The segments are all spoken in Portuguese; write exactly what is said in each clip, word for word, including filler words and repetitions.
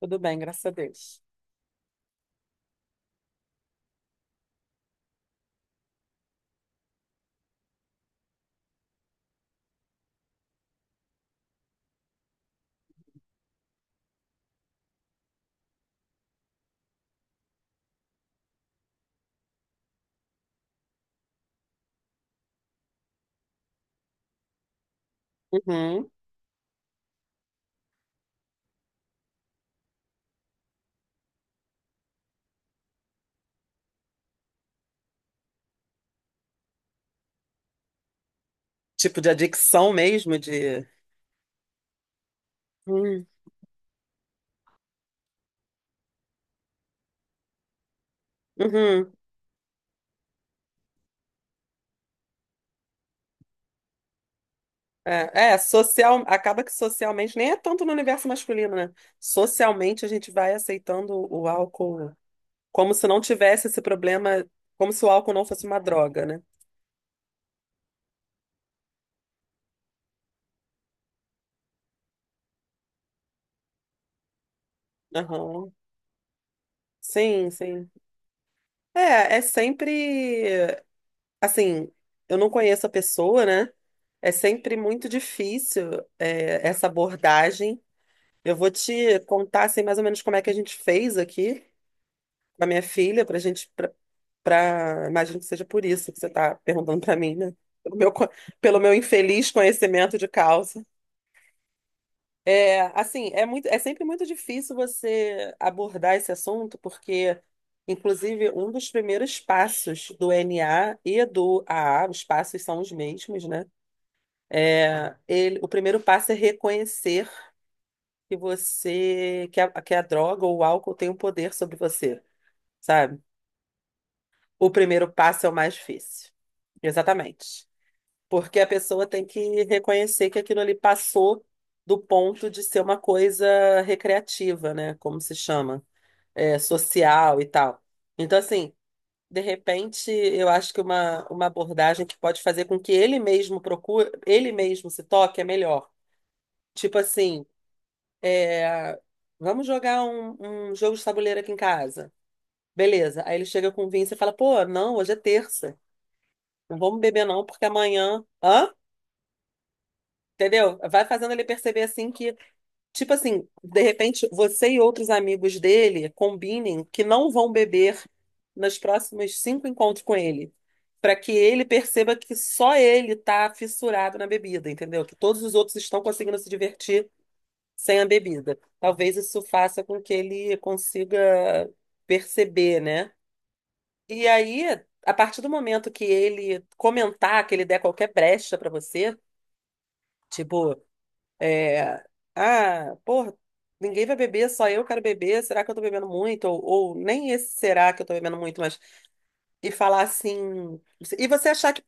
Tudo bem, graças a Deus. Uhum. Tipo de adicção mesmo, de. Hum, uhum. É, é, social. Acaba que socialmente, nem é tanto no universo masculino, né? Socialmente a gente vai aceitando o álcool como se não tivesse esse problema, como se o álcool não fosse uma droga, né? Aham. Sim, sim. É, é sempre. Assim, eu não conheço a pessoa, né? É sempre muito difícil, é, essa abordagem. Eu vou te contar assim, mais ou menos como é que a gente fez aqui com a minha filha, pra gente, pra, pra- imagino que seja por isso que você tá perguntando pra mim, né? Pelo meu, co- pelo meu infeliz conhecimento de causa. É, assim, é muito, é sempre muito difícil você abordar esse assunto, porque, inclusive, um dos primeiros passos do N A e do A A, os passos são os mesmos, né? É, ele, o primeiro passo é reconhecer que você que a, que a droga ou o álcool tem um poder sobre você, sabe? O primeiro passo é o mais difícil. Exatamente. Porque a pessoa tem que reconhecer que aquilo ali passou do ponto de ser uma coisa recreativa, né? Como se chama, é, social e tal. Então, assim, de repente, eu acho que uma, uma abordagem que pode fazer com que ele mesmo procure, ele mesmo se toque é melhor. Tipo assim, é, vamos jogar um, um jogo de tabuleiro aqui em casa. Beleza. Aí ele chega com o vinho e você fala, pô, não, hoje é terça. Não vamos beber não, porque amanhã... Hã? Entendeu? Vai fazendo ele perceber assim que, tipo assim, de repente você e outros amigos dele combinem que não vão beber nos próximos cinco encontros com ele, para que ele perceba que só ele tá fissurado na bebida, entendeu? Que todos os outros estão conseguindo se divertir sem a bebida. Talvez isso faça com que ele consiga perceber, né? E aí, a partir do momento que ele comentar, que ele der qualquer brecha pra você, tipo, é, ah, porra, ninguém vai beber, só eu quero beber, será que eu tô bebendo muito? Ou, ou nem esse será que eu tô bebendo muito, mas e falar assim, e você achar que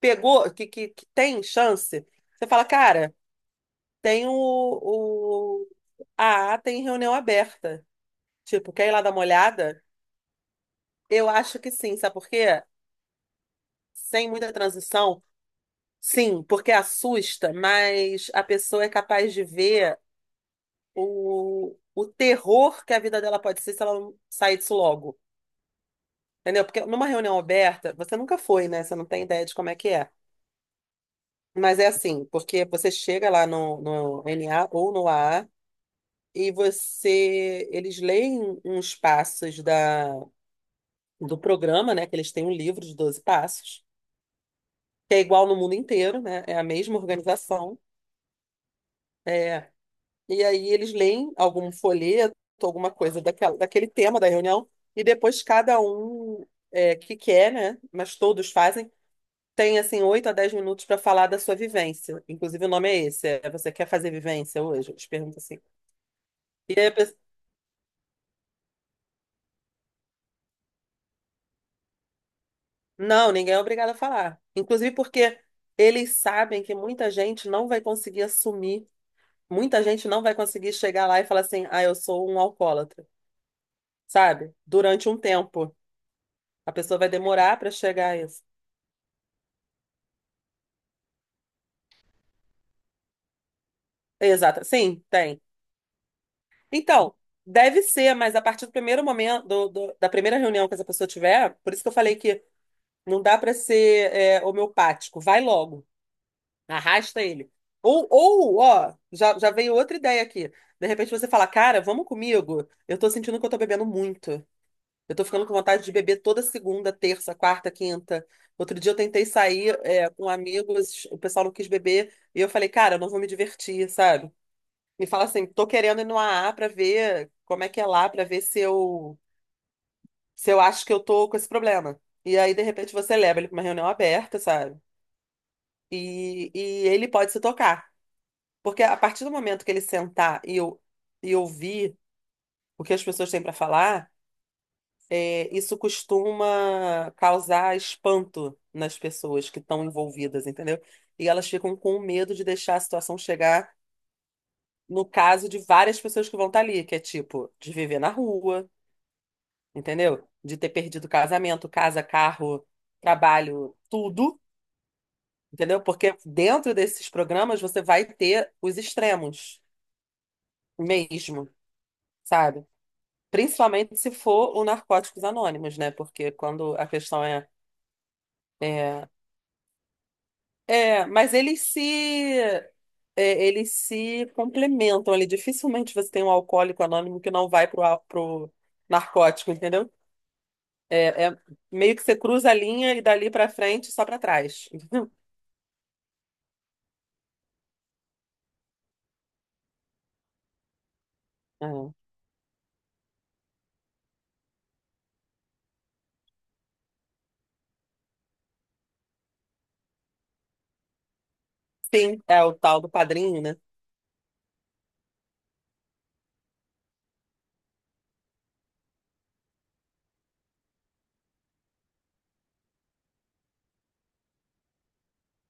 pegou, que, que, que tem chance, você fala, cara, tem o, o a A tem reunião aberta. Tipo, quer ir lá dar uma olhada? Eu acho que sim, sabe por quê? Sem muita transição, sim, porque assusta, mas a pessoa é capaz de ver o, o terror que a vida dela pode ser se ela não sair disso logo. Entendeu? Porque numa reunião aberta, você nunca foi, né? Você não tem ideia de como é que é. Mas é assim, porque você chega lá no, no N A ou no A A e você, eles leem uns passos da, do programa, né? Que eles têm um livro de doze passos. Que é igual no mundo inteiro, né? É a mesma organização. É. E aí eles leem algum folheto, alguma coisa daquela, daquele tema da reunião, e depois cada um é, que quer, né? Mas todos fazem, tem assim oito a dez minutos para falar da sua vivência. Inclusive o nome é esse, é "Você quer fazer vivência hoje?" Eles perguntam assim. E aí a pessoa, não, ninguém é obrigado a falar. Inclusive porque eles sabem que muita gente não vai conseguir assumir, muita gente não vai conseguir chegar lá e falar assim, ah, eu sou um alcoólatra. sabe? Durante um tempo. A pessoa vai demorar para chegar a isso. Exato. Sim, tem. Então, deve ser, mas a partir do primeiro momento, do- do- da primeira reunião que essa pessoa tiver, por isso que eu falei que não dá para ser é, homeopático. Vai logo, arrasta ele. Ou, ou, ó, já, já veio outra ideia aqui. De repente você fala, cara, vamos comigo. Eu tô sentindo que eu tô bebendo muito. Eu tô ficando com vontade de beber toda segunda, terça, quarta, quinta. Outro dia eu tentei sair, é, com amigos, o pessoal não quis beber, e eu falei, cara, eu não vou me divertir, sabe? Me fala assim, tô querendo ir no A A pra ver como é que é lá, pra ver se eu, se eu acho que eu tô com esse problema. E aí, de repente, você leva ele pra uma reunião aberta, sabe? E, e ele pode se tocar. Porque a partir do momento que ele sentar e, eu e ouvir o que as pessoas têm pra falar é, isso costuma causar espanto nas pessoas que estão envolvidas, entendeu? E elas ficam com medo de deixar a situação chegar no caso de várias pessoas que vão estar ali, que é tipo, de viver na rua, entendeu? De ter perdido casamento, casa, carro, trabalho, tudo, entendeu? Porque dentro desses programas você vai ter os extremos mesmo, sabe? Principalmente se for o Narcóticos Anônimos, né? Porque quando a questão é. é É, mas eles se é, eles se complementam ali. Dificilmente você tem um alcoólico anônimo que não vai pro, al- pro narcótico, entendeu? É, é meio que você cruza a linha e dali pra frente só pra trás, entendeu? É. Sim, é o tal do padrinho, né?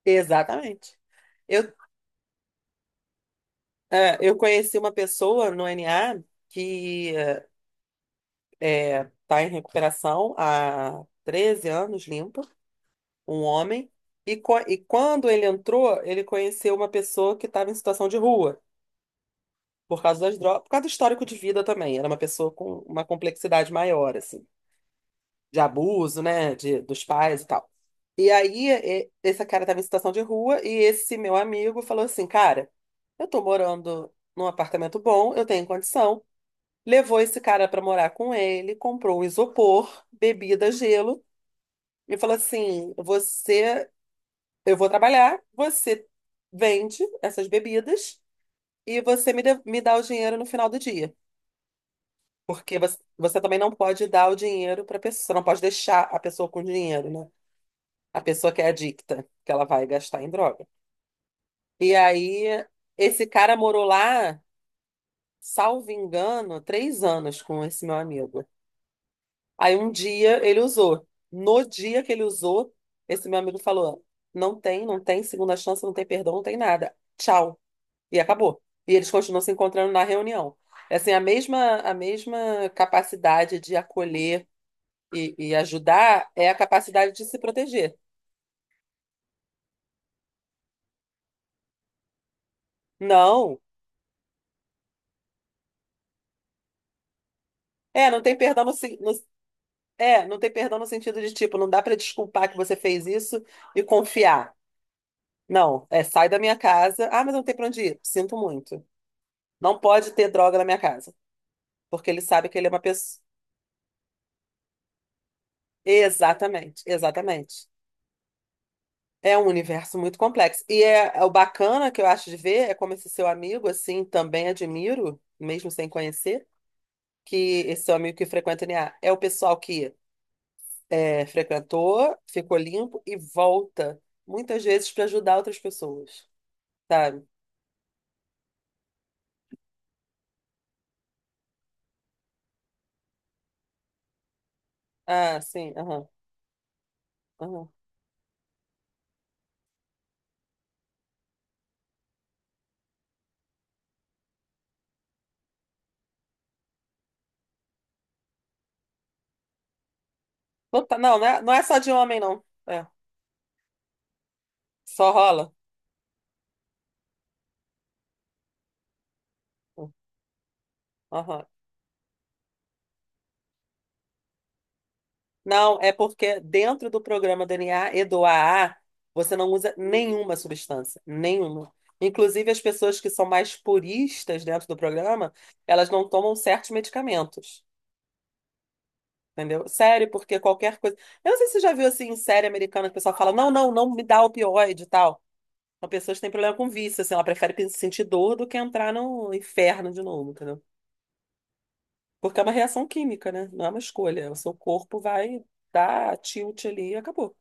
Exatamente. Eu, é, eu conheci uma pessoa no N A que é, tá em recuperação há treze anos limpa. Um homem, e, co- e quando ele entrou, ele conheceu uma pessoa que estava em situação de rua, por causa das drogas, por causa do histórico de vida também. Era uma pessoa com uma complexidade maior, assim, de abuso, né, de, dos pais e tal. E aí, e- esse cara estava em situação de rua, e esse meu amigo falou assim: "Cara, eu tô morando num apartamento bom, eu tenho condição." Levou esse cara para morar com ele, comprou um isopor, bebida, gelo, e falou assim: Você Eu vou trabalhar, você vende essas bebidas e você me, dá- me dá o dinheiro no final do dia." Porque você, você também não pode dar o dinheiro para a pessoa, você não pode deixar a pessoa com dinheiro, né? A pessoa que é adicta, que ela vai gastar em droga. E aí, esse cara morou lá, salvo engano, três anos com esse meu amigo. Aí um dia ele usou. No dia que ele usou, esse meu amigo falou: "Não tem, não tem segunda chance, não tem perdão, não tem nada. Tchau." E acabou. E eles continuam se encontrando na reunião. É Assim, a mesma, a mesma capacidade de acolher e, e ajudar é a capacidade de se proteger. Não. É, não tem perdão no, sen- no- é, não tem perdão no sentido de tipo, não dá para desculpar que você fez isso e confiar. Não, é sai da minha casa. Ah, mas eu não tem para onde ir. Sinto muito. Não pode ter droga na minha casa, porque ele sabe que ele é uma pessoa. Exatamente, exatamente. É um universo muito complexo. E é, é o bacana que eu acho de ver é como esse seu amigo, assim, também admiro, mesmo sem conhecer, que esse seu amigo que frequenta o N A é o pessoal que é, frequentou, ficou limpo e volta muitas vezes para ajudar outras pessoas, sabe? Ah, sim, aham, aham. Não, tá- não, não é, não é só de homem, não. É, só rola. Aham. Não, é porque dentro do programa D N A e do A A, você não usa nenhuma substância, nenhuma. Inclusive, as pessoas que são mais puristas dentro do programa, elas não tomam certos medicamentos, entendeu? Sério, porque qualquer coisa. Eu não sei se você já viu assim em série americana que o pessoal fala: não, não, não me dá opioide e tal. Uma pessoa que têm problema com vício, assim, ela prefere pe- sentir dor do que entrar no inferno de novo, entendeu? Porque é uma reação química, né? Não é uma escolha. O seu corpo vai dar tilt ali e acabou.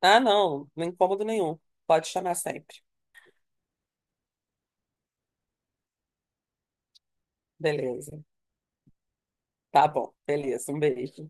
Ah, não, não incômodo nenhum. Pode chamar sempre. Beleza. Tá bom, beleza. Um beijo.